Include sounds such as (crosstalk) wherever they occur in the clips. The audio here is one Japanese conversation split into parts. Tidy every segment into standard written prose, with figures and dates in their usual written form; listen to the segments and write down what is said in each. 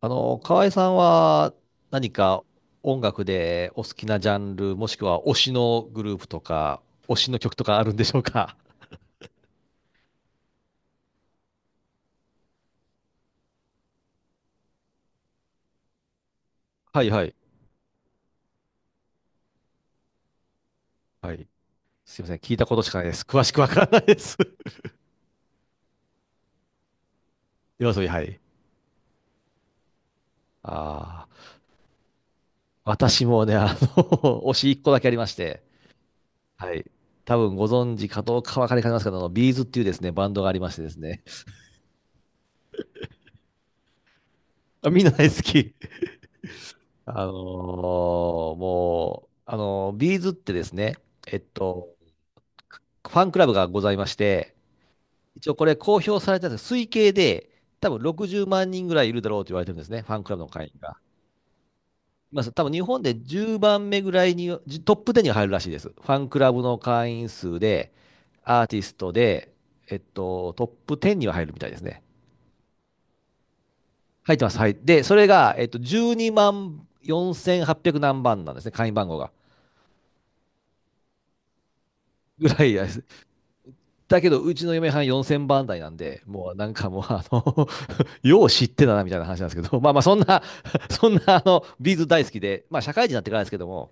河合さんは何か音楽でお好きなジャンル、もしくは推しのグループとか、推しの曲とかあるんでしょうか？ (laughs) はいはい。はい。すいません。聞いたことしかないです。詳しくわからないです。(laughs) 夜遊び、はい。ああ、私もね、(laughs) 推し一個だけありまして、はい。多分ご存知かどうかわかりかねますけど、ビーズっていうですね、バンドがありましてですね。(laughs) あ、みんな大好き。あのーもう、あのービーズってですね、えっと、ファンクラブがございまして、一応これ公表されたんですけど推計で、多分60万人ぐらいいるだろうと言われてるんですね、ファンクラブの会員が。まあ、多分日本で10番目ぐらいに、トップ10に入るらしいです。ファンクラブの会員数で、アーティストで、トップ10には入るみたいですね。入ってます。はい。で、それが、12万4800何番なんですね、会員番号が。ぐらいです。だけど、うちの嫁はん4000番台なんで、もうなんかもう、(laughs) よう知ってたなみたいな話なんですけど、(laughs) まあまあ、そんな (laughs) そんな、ビーズ大好きで、まあ、社会人になってからですけども、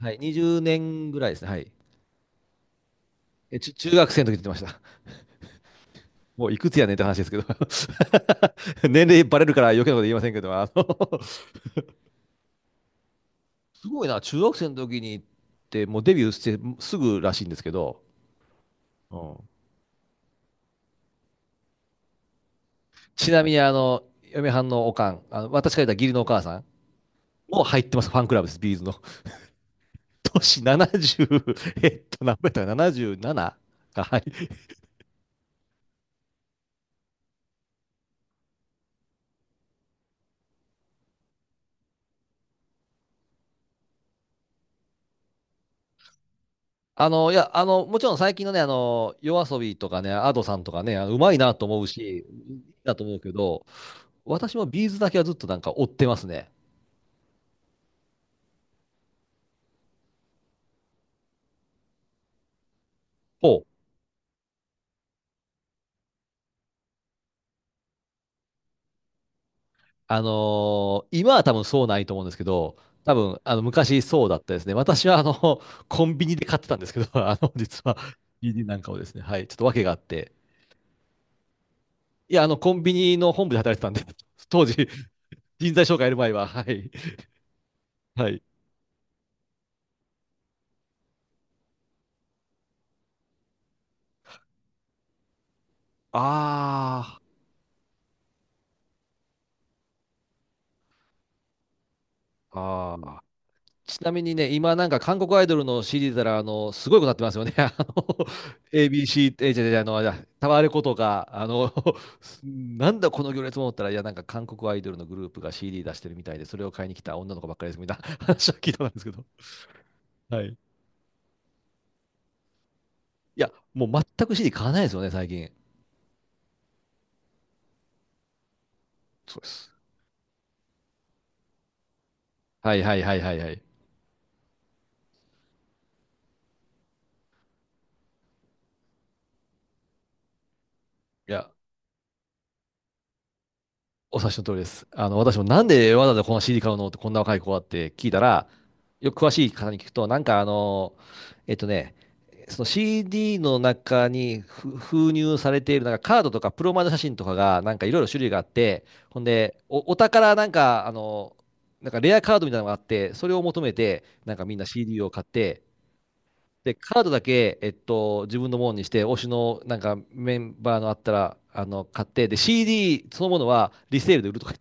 はい、20年ぐらいですね、はい。えちゅ中学生の時って言ってました。もういくつやねんって話ですけど (laughs)、年齢バレるから余計なこと言いませんけど、(laughs) すごいな、中学生の時にって、もうデビューしてすぐらしいんですけど、うん。ちなみに、嫁はんのおかん、あの私から言った義理のお母さん、もう入ってます、ファンクラブです、ビーズの。年70、何倍だったか、77？ はい。いや、もちろん最近のね、夜遊びとかね、アドさんとかね、うまいなと思うし、いいなと思うけど、私もビーズだけはずっとなんか追ってますね。ほう。今は多分そうないと思うんですけど、多分、昔そうだったですね。私は、コンビニで買ってたんですけど、(laughs) 実は、ビー d なんかをですね、はい、ちょっと訳があって、いや、コンビニの本部で働いてたんで、当時、人材紹介やる前は、はい、はい。ああ、ああ。ちなみにね、今なんか韓国アイドルの CD たら、すごいことになってますよね。(laughs) ABC、え、じゃじゃあの、あタワレコとか、(laughs) なんだこの行列も思ったら、いや、なんか韓国アイドルのグループが CD 出してるみたいで、それを買いに来た女の子ばっかりですみたいな (laughs) 話は聞いたんですけど。はい。いや、もう全く CD 買わないですよね、最近。そうです。はいはいはいはいはい。いや、お察しの通りです。私もなんでわざわざこの CD 買うのってこんな若い子はって聞いたら、よく詳しい方に聞くと、えっとね、その CD の中に封入されているなんかカードとかプロマイド写真とかがなんかいろいろ種類があって、ほんで、お宝なんかなんかレアカードみたいなのがあって、それを求めて、なんかみんな CD を買って、で、カードだけ、自分のものにして、推しのなんかメンバーのあったら、買って、で、CD そのものはリセールで売るとか。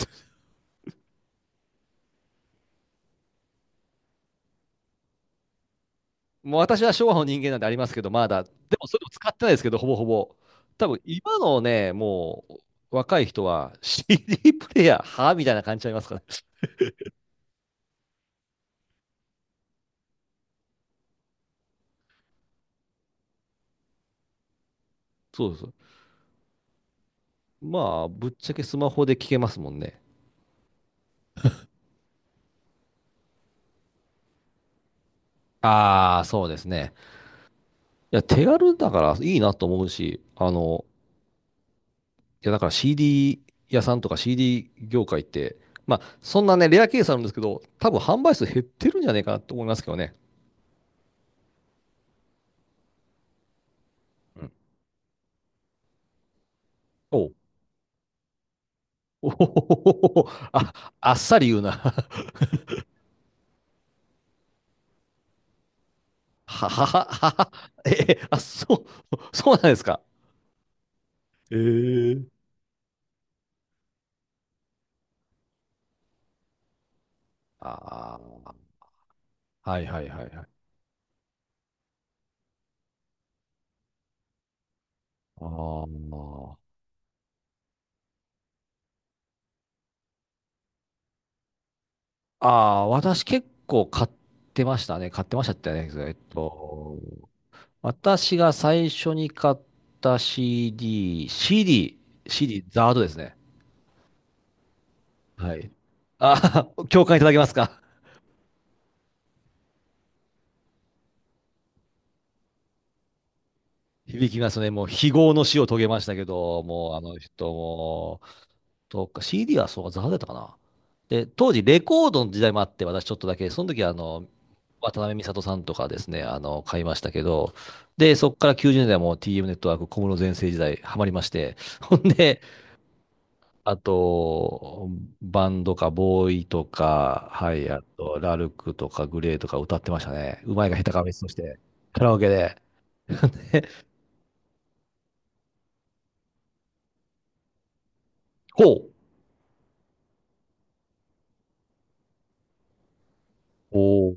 もう私は昭和の人間なんでありますけど、まだ。でもそれも使ってないですけど、ほぼほぼ。多分今のね、もう若い人は CD プレイヤー、はみたいな感じちゃいますからね。そうそう。まあ、ぶっちゃけスマホで聞けますもんね。ああ、そうですね。いや、手軽だからいいなと思うし、いや、だから CD 屋さんとか CD 業界って、まあ、そんなね、レアケースなんですけど、多分販売数減ってるんじゃないかなと思いますけどね。うん。おうおほほほほほあ、あっさり言うな。(laughs) はははは。え、あ、そう、(laughs) そうなんですか。ええ。ああ、はいはいはいはい。あーああ、私結構買ってましたね。買ってましたってね。私が最初に買った CD、ザードですね。はい。ああ、共感いただけますか？ (laughs) 響きますね。もう非業の死を遂げましたけど、もうあの人もそか、CD はそうか、ザハだったかな。で、当時レコードの時代もあって、私ちょっとだけ、その時は渡辺美里さんとかですね、買いましたけど、で、そこから90年代も TM ネットワーク、小室全盛時代、ハマりまして、(laughs) ほんで、あと、バンドか、ボーイとか、はい、あと、ラルクとか、グレーとか歌ってましたね。うまいか下手かは別として、カラオケで。(laughs) こう。お、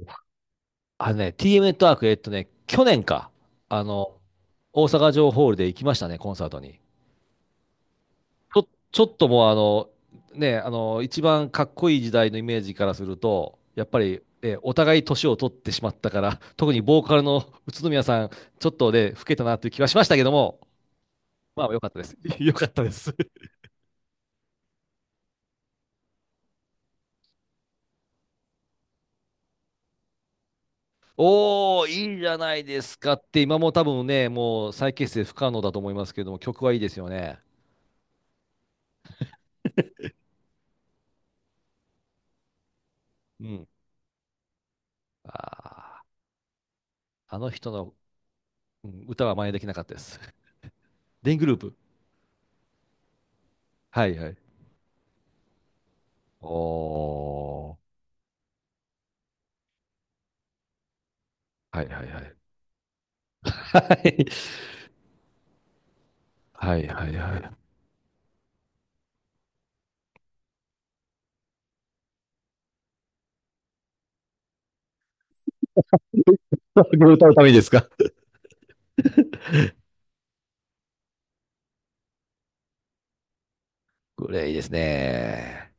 あのね、TM ネットワーク、去年か、あの、大阪城ホールで行きましたね、コンサートに。ちょっともう一番かっこいい時代のイメージからすると、やっぱり、お互い年を取ってしまったから、(laughs) 特にボーカルの宇都宮さん、ちょっとね、老けたなという気はしましたけども、まあ、良かったです。(laughs) 良かったです。(laughs) おー、いいじゃないですかって、今も多分ね、もう再結成不可能だと思いますけども、曲はいいですよね。うん。ああの人のうん、歌は真似できなかったです。デイングループ。はいはい。おー。はいはいはい。はい。はいはいはい。(laughs) これ歌うためにですか？これいいですね。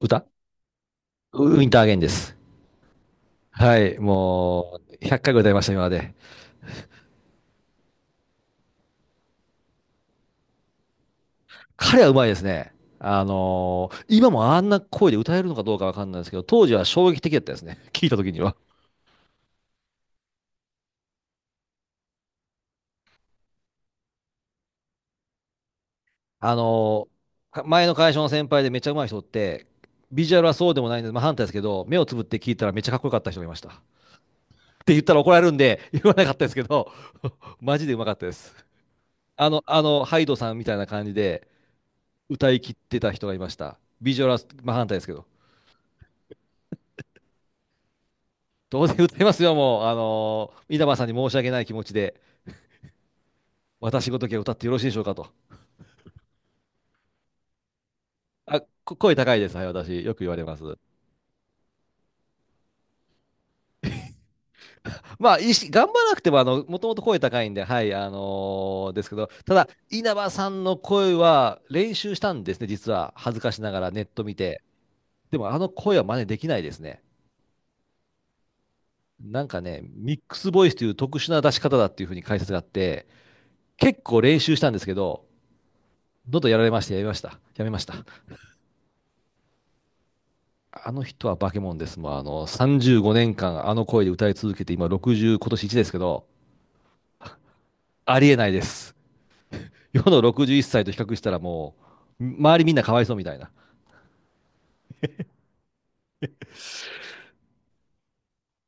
歌ウウィンターアゲインです。はい。もう、100回ぐらい歌いました、今まで。彼はうまいですね。今もあんな声で歌えるのかどうかわかんないですけど、当時は衝撃的だったですね。聞いた時には。あの、前の会社の先輩でめっちゃ上手い人って、ビジュアルはそうでもないんで、まあ、反対ですけど、目をつぶって聞いたらめっちゃかっこよかった人がいました。って言ったら怒られるんで、(laughs) 言わなかったですけど、(laughs) マジで上手かったです。ハイドさんみたいな感じで歌い切ってた人がいました。ビジュアルは真反対ですけど。当然歌いますよ、もう。稲葉さんに申し訳ない気持ちで、私ごときは歌ってよろしいでしょうかと。あ、声高いです。はい、私。よく言われます。まあ、いいし頑張らなくても、もともと声高いんで、はい、ですけど、ただ、稲葉さんの声は練習したんですね、実は。恥ずかしながらネット見て。でも、あの声は真似できないですね。なんかね、ミックスボイスという特殊な出し方だっていうふうに解説があって、結構練習したんですけど、どんどんやられまして、やめました。やめました。あの人は化け物です。もう、35年間、あの声で歌い続けて、今60、今年1ですけど、ありえないです。世の61歳と比較したらもう、周りみんなかわいそうみたいな。